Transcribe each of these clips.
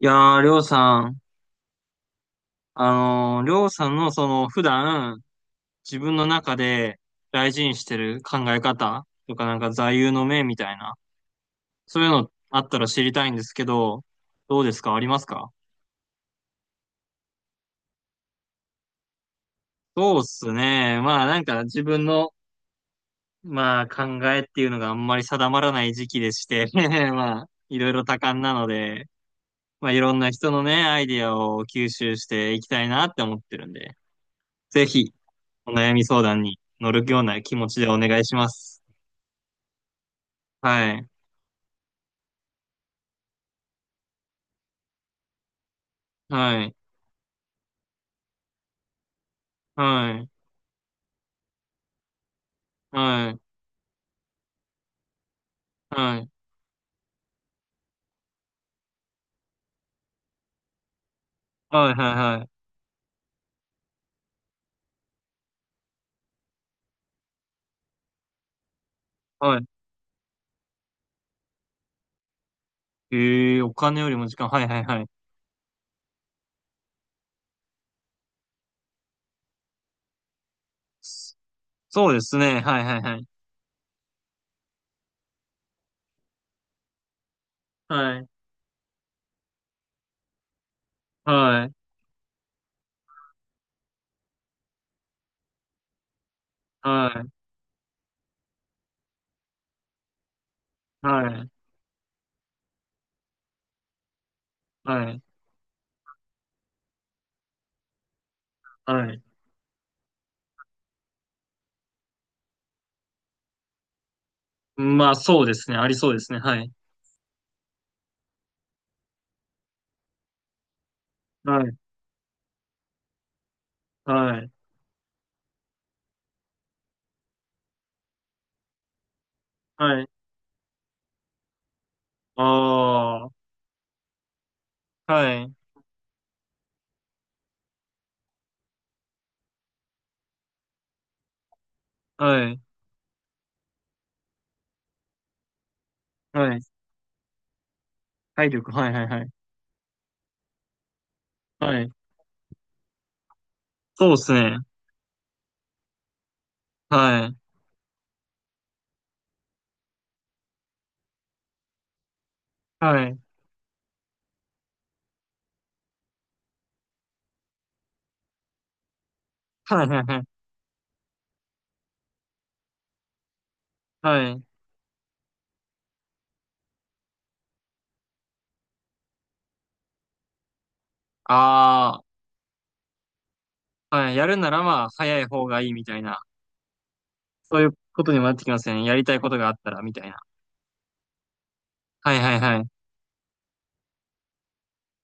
いやー、りょうさん、ありょうさんのその普段自分の中で大事にしてる考え方とかなんか座右の銘みたいな、そういうのあったら知りたいんですけど、どうですかありますか？そうっすね。まあなんか自分の、まあ考えっていうのがあんまり定まらない時期でして、まあいろいろ多感なので、まあいろんな人のね、アイディアを吸収していきたいなって思ってるんで、ぜひお悩み相談に乗るような気持ちでお願いします。はい。はい。はい。はい。はい。はい。はい。はい。はい。ええー、お金よりも時間。はい、はい、はい。そうですね。はい、はい、はい。はい。はい。はい。はい。はい。はい。まあ、そうですね。ありそうですね。はい。はい。はい。はい。ああ。はい。はい。はい。体力。はい、はい、はい。はい。そうですね。はい。はい。はい、はい、はい。はい。ああ。はい、やるならまあ、早い方がいいみたいな。そういうことにもなってきますね。やりたいことがあったら、みたいな。はい、はい、はい。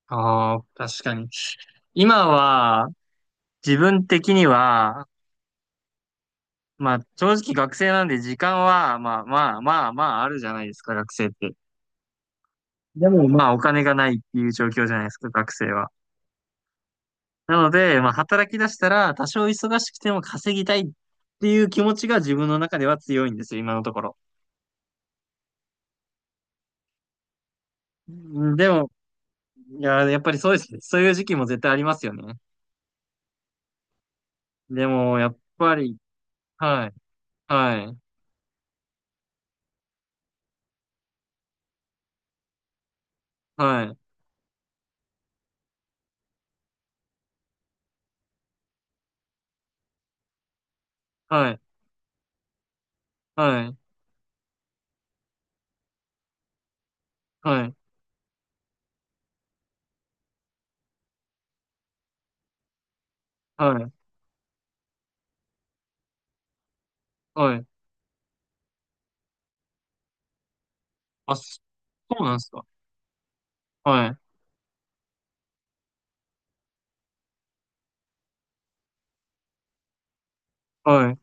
ああ、確かに。今は、自分的には、まあ、正直学生なんで時間は、まあまあまあまああるじゃないですか、学生って。でもまあ、お金がないっていう状況じゃないですか、学生は。なので、まあ、働き出したら、多少忙しくても稼ぎたいっていう気持ちが自分の中では強いんですよ、今のところ。うん。でも、いやー、やっぱりそうですね、そういう時期も絶対ありますよね。でも、やっぱり、はい、はい、はい、はい、はい、はい、はい、はい。あ、そうなんですか。はい、はい。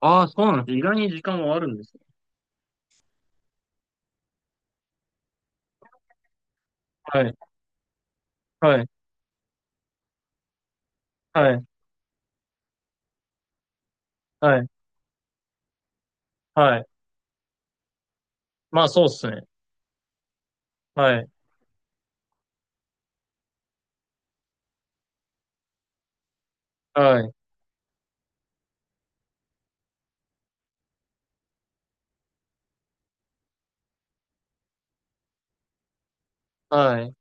ああ、そうなんです。意外に時間はあるんですね。はい、はい、はい、はい、はい。まあ、そうですね。はい、はい、はい。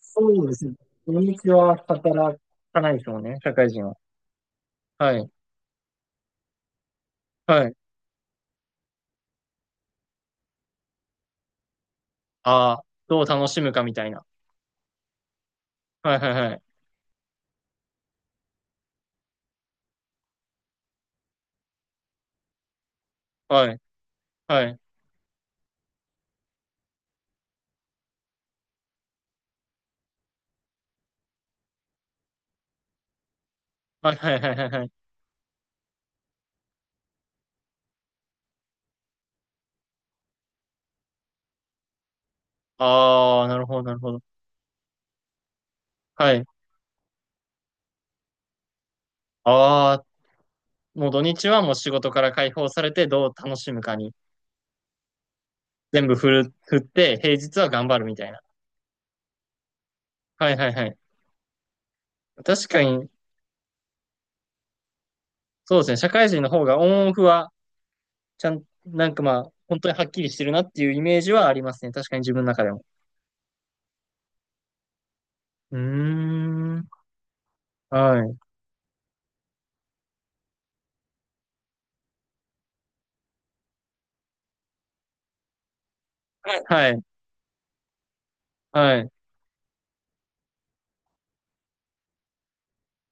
そうですね。土日は働かないですもんね、社会人は。はい、はい。ああ、どう楽しむかみたいな。はい、はい、はい、はい、はい、はい、はい、はい、はい、はい。ああ、なるほど、なるほど。はい。ああ、もう土日はもう仕事から解放されてどう楽しむかに全部振る、振って、平日は頑張るみたいな。はい、はい、はい。確かに、そうですね。社会人の方がオンオフは、ちゃん、なんかまあ、本当にはっきりしてるなっていうイメージはありますね。確かに自分の中でも。うーん。はい。はい。はい。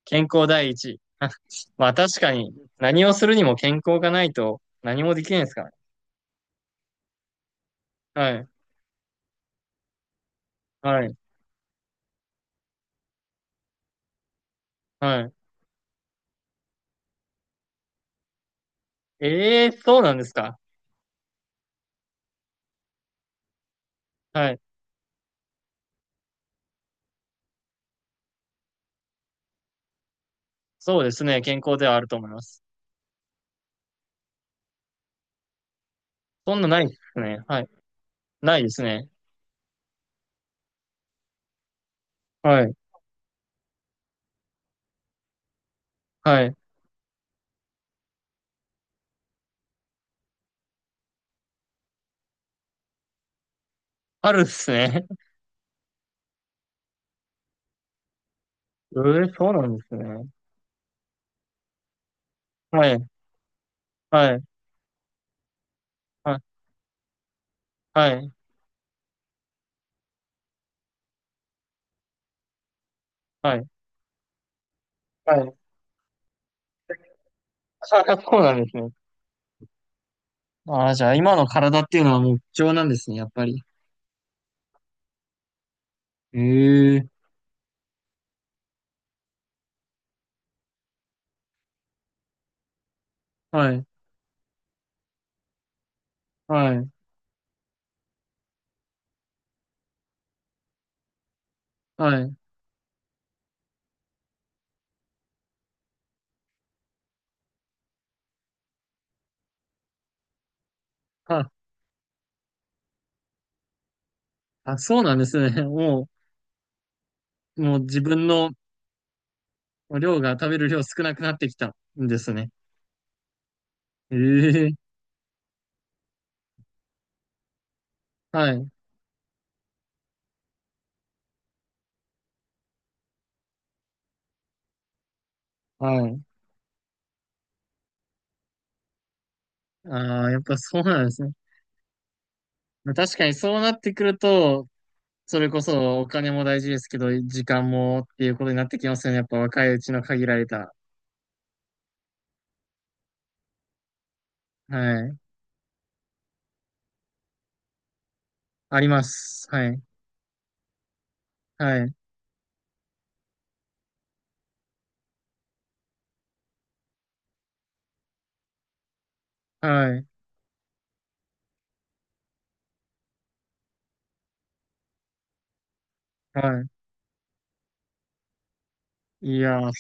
健康第一。あ、まあ確かに、何をするにも健康がないと何もできないですからね。はい。はい。はい。ええ、そうなんですか。はい。そうですね。健康ではあると思います。そんなないですね。はい。ないですね。はい。はい。あるですね。ええ、そうなんですね。はい。はい。はい。はい。はい。はい。あ、そうなんですね。ああ、じゃあ今の体っていうのはもう貴重なんですね、やっぱり。ええ。はい。はい。はい。あ、あ、そうなんですね。もう自分の量が、食べる量少なくなってきたんですね。ええ。はい。はい。ああ、やっぱそうなんですね。まあ確かにそうなってくると、それこそお金も大事ですけど、時間もっていうことになってきますよね。やっぱ若いうちの限られた。はい。あります。はい。はい。はい。はい。いやー、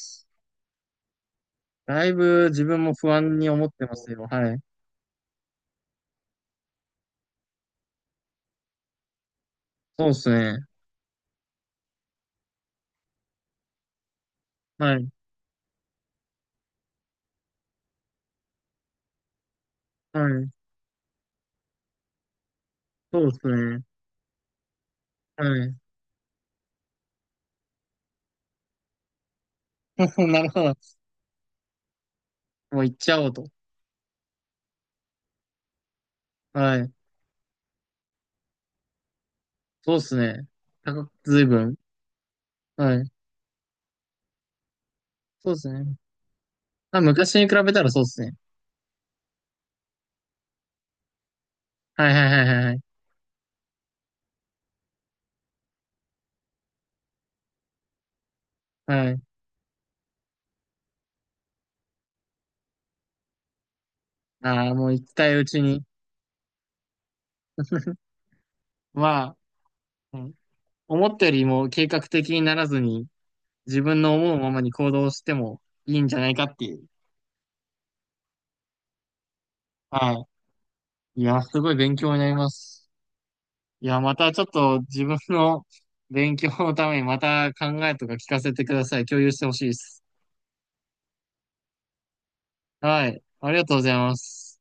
だいぶ自分も不安に思ってますよ。はい。そうですね。はい。はい。そうですね。はい。なるほど。もう行っちゃおうと。はい。そうですね。高く、ずいぶん。はい。そうですね。まあ、昔に比べたらそうですね。はい、はい、はい、はい、はい。はい。ああ、もう行きたいうちには、うん、思ったよりも計画的にならずに、自分の思うままに行動してもいいんじゃないかっていう。はい。いや、すごい勉強になります。いや、またちょっと自分の勉強のためにまた考えとか聞かせてください。共有してほしいです。はい。ありがとうございます。